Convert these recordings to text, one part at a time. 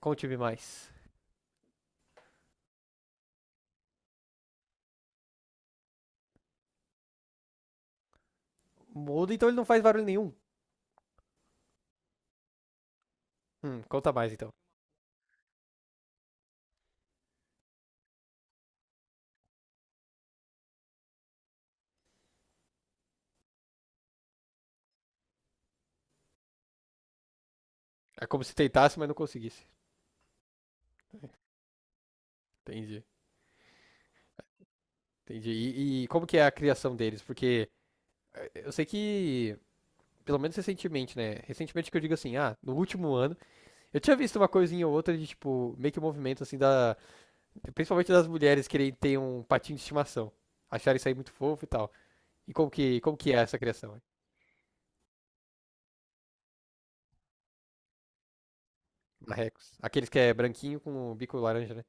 Conte-me mais. Muda, então ele não faz barulho nenhum. Conta mais então. É como se tentasse, mas não conseguisse. Entendi, entendi. E como que é a criação deles? Porque eu sei que, pelo menos recentemente, né? Recentemente que eu digo assim, ah, no último ano, eu tinha visto uma coisinha ou outra de, tipo, meio que um movimento assim da. Principalmente das mulheres querem ter um patinho de estimação. Acharem isso aí muito fofo e tal. E como que é essa criação? Hein? Na Rex. Aqueles que é branquinho com o bico laranja, né?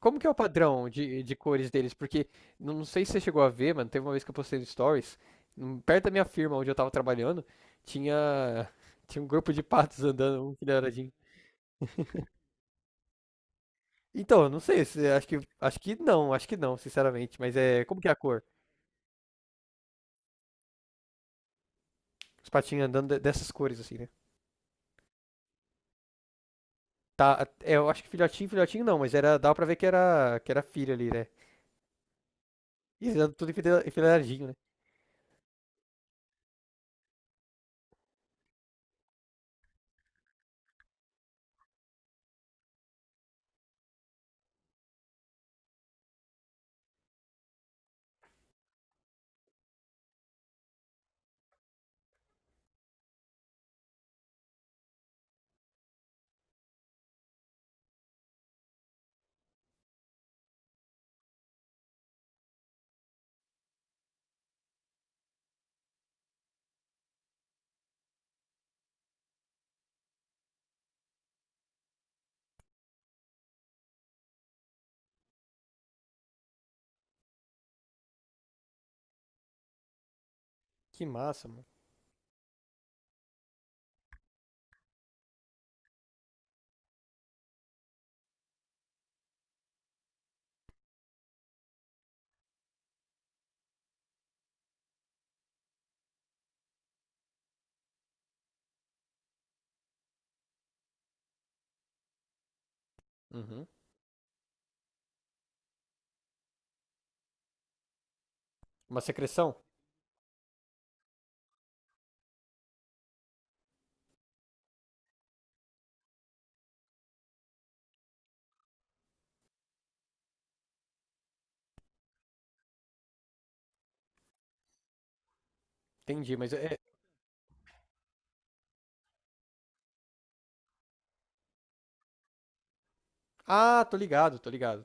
Como que é o padrão de cores deles? Porque não sei se você chegou a ver, mano. Teve uma vez que eu postei no Stories, perto da minha firma onde eu tava trabalhando, tinha, tinha um grupo de patos andando, um que era de- Então, eu não sei, se- acho que não, sinceramente. Mas é, como que é a cor? Os patinhos andando de- dessas cores, assim, né? Tá, é, eu acho que filhotinho, filhotinho não, mas era, dava pra ver que era filho ali, né? E eles andam tudo enfile- enfileiradinho, né? Que massa, mano. Uhum. Uma secreção? Entendi, mas é. Ah, tô ligado, tô ligado.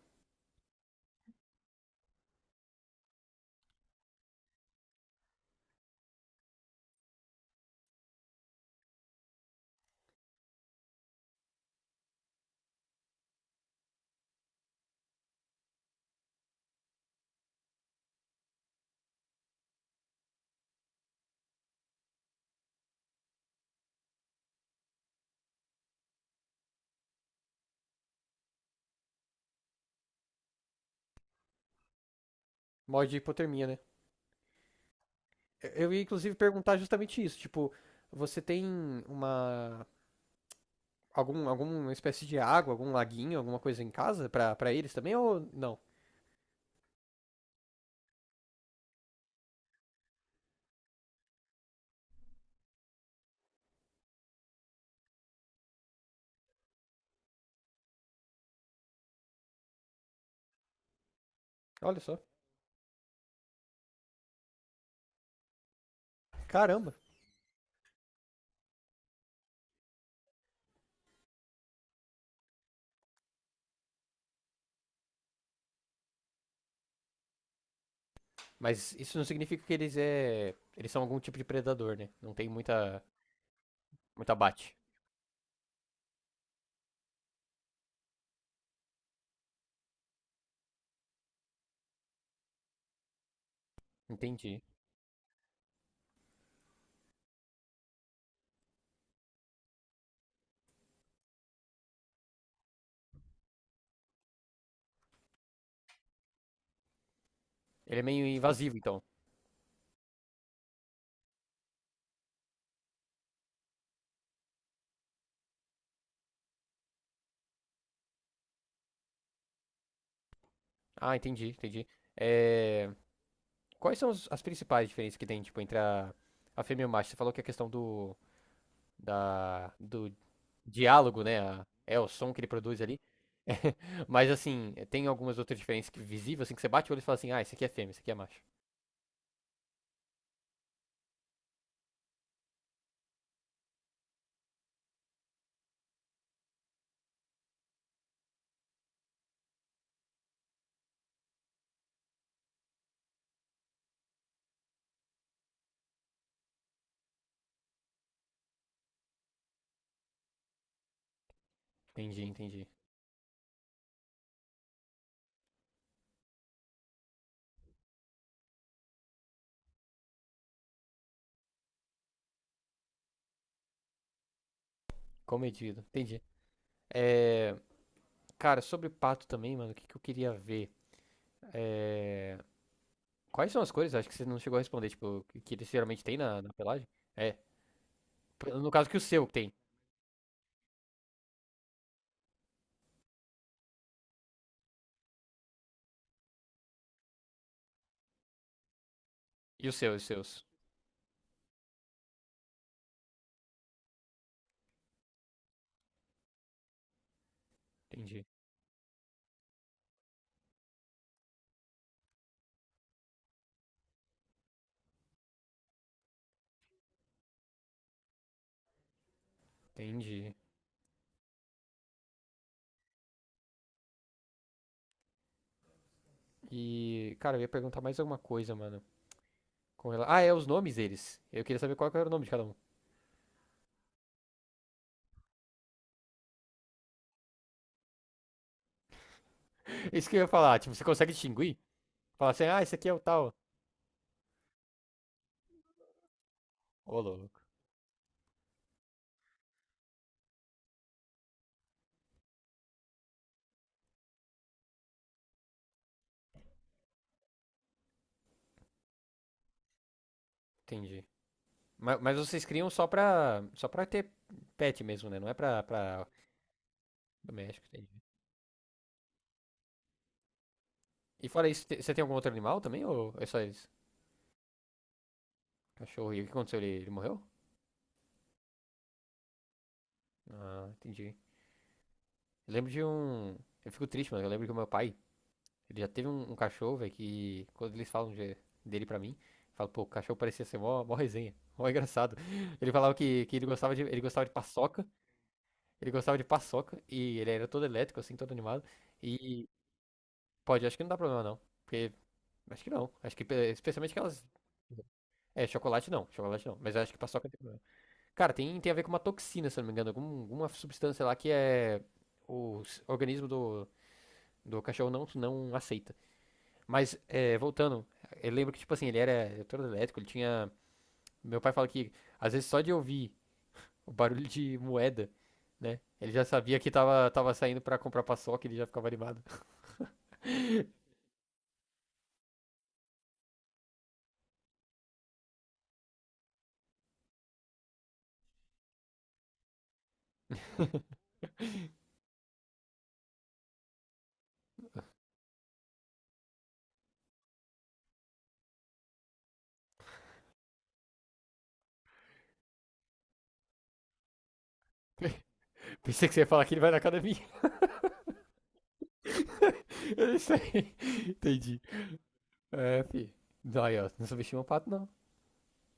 Mod de hipotermia, né? Eu ia inclusive perguntar justamente isso, tipo, você tem uma algum alguma espécie de água, algum laguinho, alguma coisa em casa pra para eles também ou não? Olha só. Caramba. Mas isso não significa que eles são algum tipo de predador, né? Não tem muita muita bate. Entendi. Ele é meio invasivo, então. Ah, entendi, entendi. É, quais são os- as principais diferenças que tem, tipo, entre a fêmea e o macho? Você falou que a questão do, da, do diálogo, né? A- é o som que ele produz ali. Mas assim, tem algumas outras diferenças que visível, assim, que você bate o olho e fala assim, ah, esse aqui é fêmea, esse aqui é macho. Entendi, entendi. Comedido, entendi. É, cara, sobre pato também, mano, o que, que eu queria ver? É, quais são as cores? Acho que você não chegou a responder, tipo, que eles geralmente têm na, na pelagem? É, no caso que o seu tem. E o seu, e os seus. Entendi, entendi. E, cara, eu ia perguntar mais alguma coisa, mano. Com rela- Ah, é os nomes deles. Eu queria saber qual que era o nome de cada um. Isso que eu ia falar, tipo, você consegue distinguir? Falar assim, ah, esse aqui é o tal. Ô, louco. Entendi. Ma- Mas, vocês criam só pra ter pet mesmo, né? Não é pra, pra doméstico, entendi. E fora isso, te- você tem algum outro animal também? Ou é só esse cachorro? E o que aconteceu? Ele morreu? Ah, entendi. Eu lembro de um... Eu fico triste, mano. Eu lembro que o meu pai, ele já teve um, um cachorro, velho, que quando eles falam de- dele pra mim, eu falo, pô, o cachorro parecia ser mó, mó resenha. Mó engraçado. Ele falava que ele gostava de paçoca. Ele gostava de paçoca e ele era todo elétrico, assim, todo animado. E pode, acho que não dá problema não. Porque, acho que não. Acho que pe- especialmente aquelas. É, chocolate não, chocolate não. Mas acho que paçoca tem problema. Cara, tem, tem a ver com uma toxina, se eu não me engano. Algum, alguma substância lá que é. O s- organismo do, do cachorro não, não aceita. Mas, é, voltando, eu lembro que, tipo assim, ele era todo elétrico, ele tinha. Meu pai fala que, às vezes, só de ouvir. O barulho de moeda, né? Ele já sabia que tava, tava saindo pra comprar paçoca, ele já ficava animado. Pensei que você ia falar que ele vai na academia. Eu não sei. Entendi. É, fi. Não, aí, ó, não subestima o pato, não.